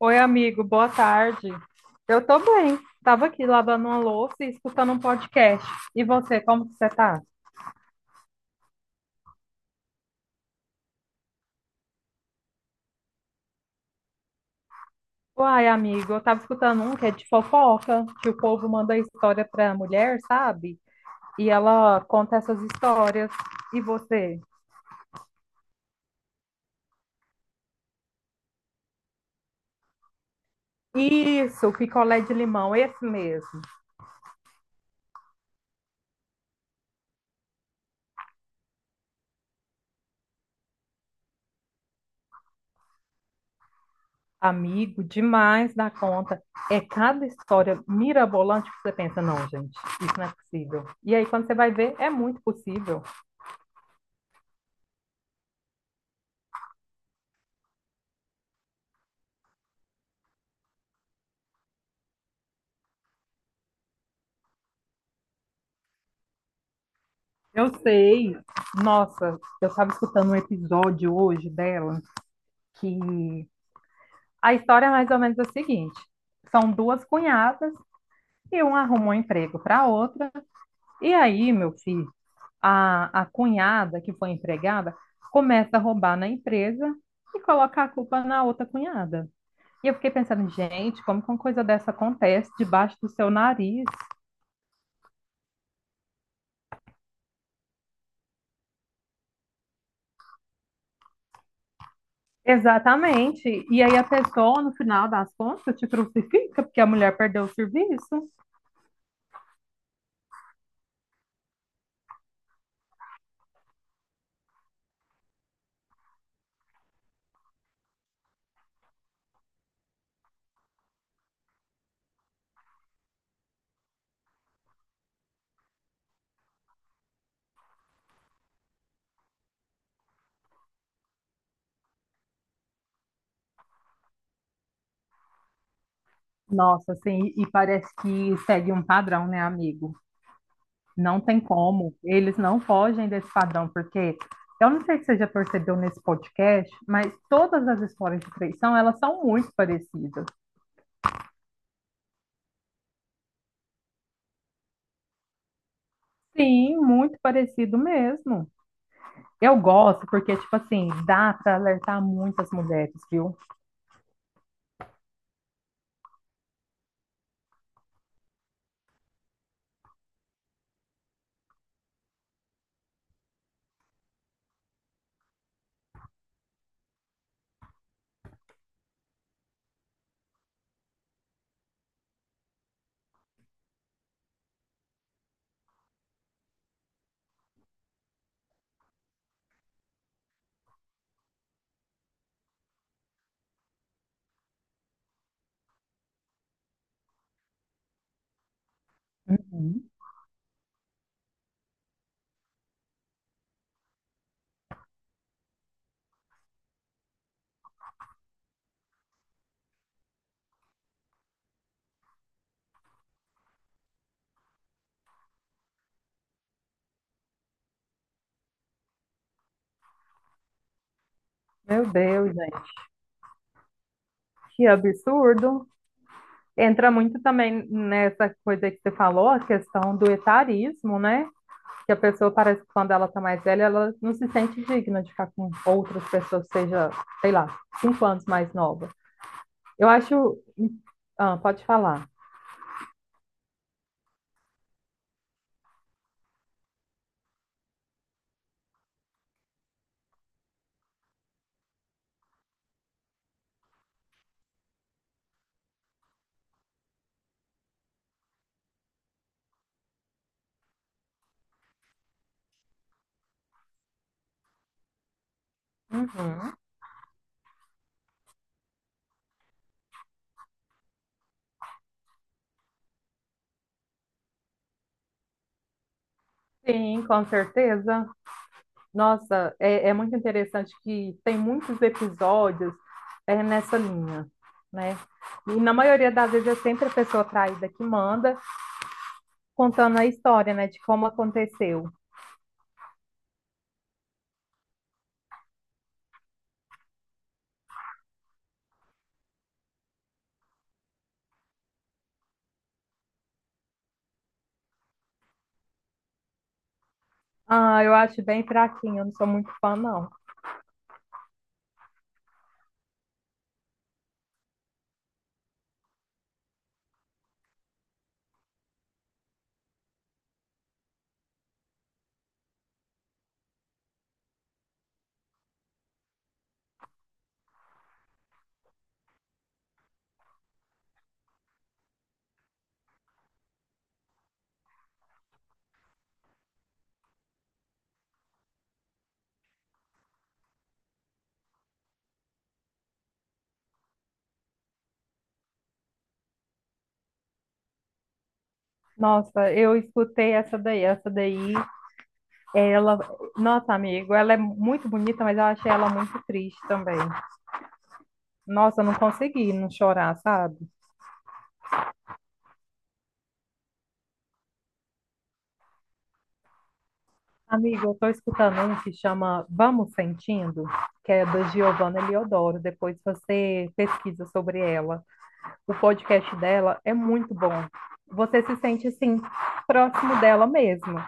Oi, amigo, boa tarde. Eu tô bem. Tava aqui lavando uma louça e escutando um podcast. E você, como que você tá? Uai, amigo, eu tava escutando um que é de fofoca, que o povo manda história pra mulher, sabe? E ela conta essas histórias. E você? Isso, picolé de limão, esse mesmo. Amigo, demais da conta. É cada história mirabolante que você pensa, não, gente, isso não é possível. E aí, quando você vai ver, é muito possível. Eu sei. Nossa, eu estava escutando um episódio hoje dela que a história é mais ou menos a seguinte: são duas cunhadas e uma arrumou um emprego para a outra. E aí, meu filho, a cunhada que foi empregada começa a roubar na empresa e coloca a culpa na outra cunhada. E eu fiquei pensando, gente, como que uma coisa dessa acontece debaixo do seu nariz? Exatamente. E aí a pessoa, no final das contas, te crucifica porque a mulher perdeu o serviço. Nossa, assim, e parece que segue um padrão, né, amigo? Não tem como. Eles não fogem desse padrão, porque eu não sei se você já percebeu nesse podcast, mas todas as histórias de traição, elas são muito parecidas. Sim, muito parecido mesmo. Eu gosto porque, tipo assim, dá para alertar muitas mulheres, viu? Uhum. Meu Deus, gente, que absurdo. Entra muito também nessa coisa que você falou, a questão do etarismo, né? Que a pessoa parece que quando ela tá mais velha, ela não se sente digna de ficar com outras pessoas, seja, sei lá, 5 anos mais nova. Eu acho. Ah, pode falar. Uhum. Sim, com certeza. Nossa, é muito interessante que tem muitos episódios nessa linha, né? E na maioria das vezes é sempre a pessoa traída que manda, contando a história, né, de como aconteceu. Ah, eu acho bem fraquinho, eu não sou muito fã, não. Nossa, eu escutei essa daí, ela, nossa, amigo, ela é muito bonita, mas eu achei ela muito triste também. Nossa, eu não consegui não chorar, sabe? Amigo, eu tô escutando um que chama Vamos Sentindo, que é da Giovanna Eliodoro, depois você pesquisa sobre ela. O podcast dela é muito bom. Você se sente, assim, próximo dela mesmo.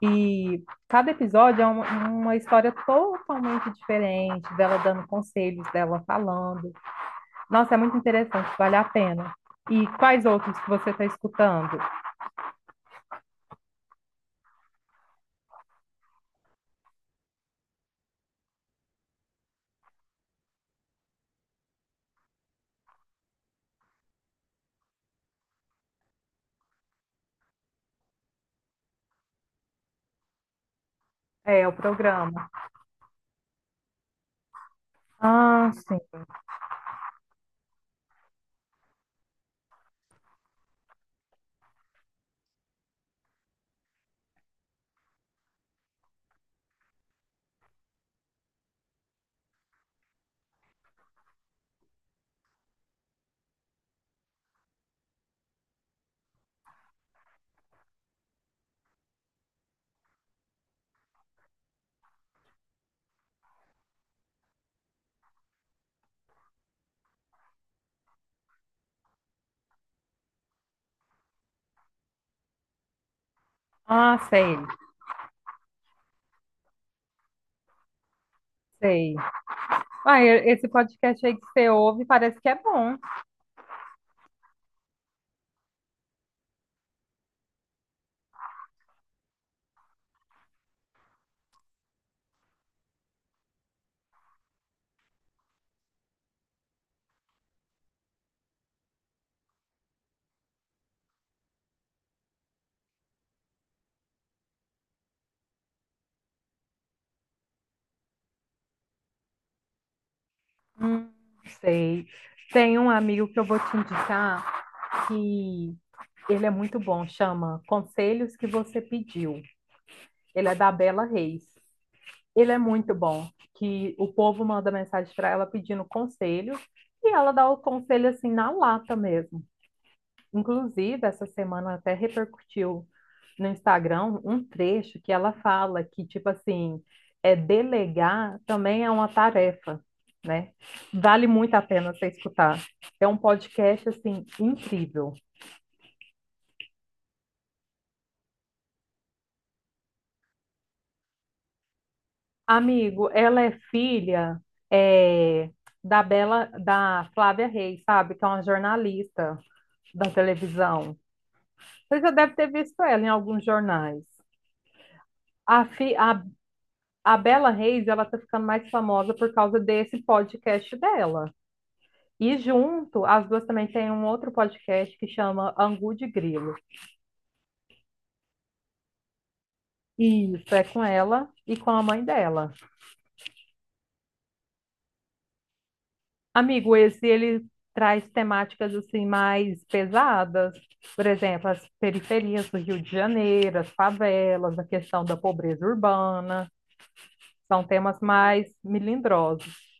E cada episódio é uma história totalmente diferente, dela dando conselhos, dela falando. Nossa, é muito interessante, vale a pena. E quais outros que você está escutando? É, o programa. Ah, sim. Ah, sei, sei. Ah, esse podcast aí que você ouve parece que é bom. Hum, sei. Tem um amigo que eu vou te indicar que ele é muito bom, chama Conselhos que Você Pediu. Ele é da Bela Reis. Ele é muito bom, que o povo manda mensagem para ela pedindo conselho e ela dá o conselho assim na lata mesmo. Inclusive, essa semana até repercutiu no Instagram um trecho que ela fala que tipo assim, é delegar também é uma tarefa, né? Vale muito a pena você escutar. É um podcast assim incrível. Amigo, ela é filha é, da Flávia Reis, sabe? Que é uma jornalista da televisão. Você já deve ter visto ela em alguns jornais. A, fi, a, a Bela Reis, ela tá ficando mais famosa por causa desse podcast dela. E junto, as duas também têm um outro podcast que chama Angu de Grilo. E isso, é com ela e com a mãe dela. Amigo, esse ele traz temáticas assim mais pesadas, por exemplo, as periferias do Rio de Janeiro, as favelas, a questão da pobreza urbana, são temas mais melindrosos.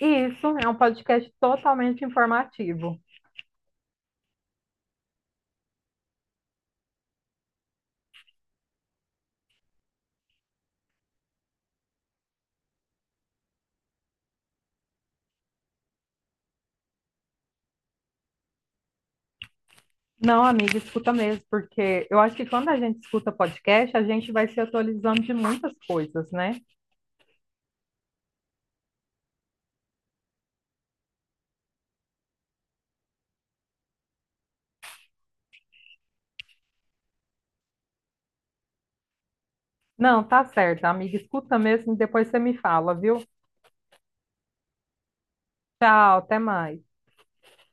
Isso é um podcast totalmente informativo. Não, amiga, escuta mesmo, porque eu acho que quando a gente escuta podcast, a gente vai se atualizando de muitas coisas, né? Não, tá certo, amiga, escuta mesmo, e depois você me fala, viu? Tchau, até mais.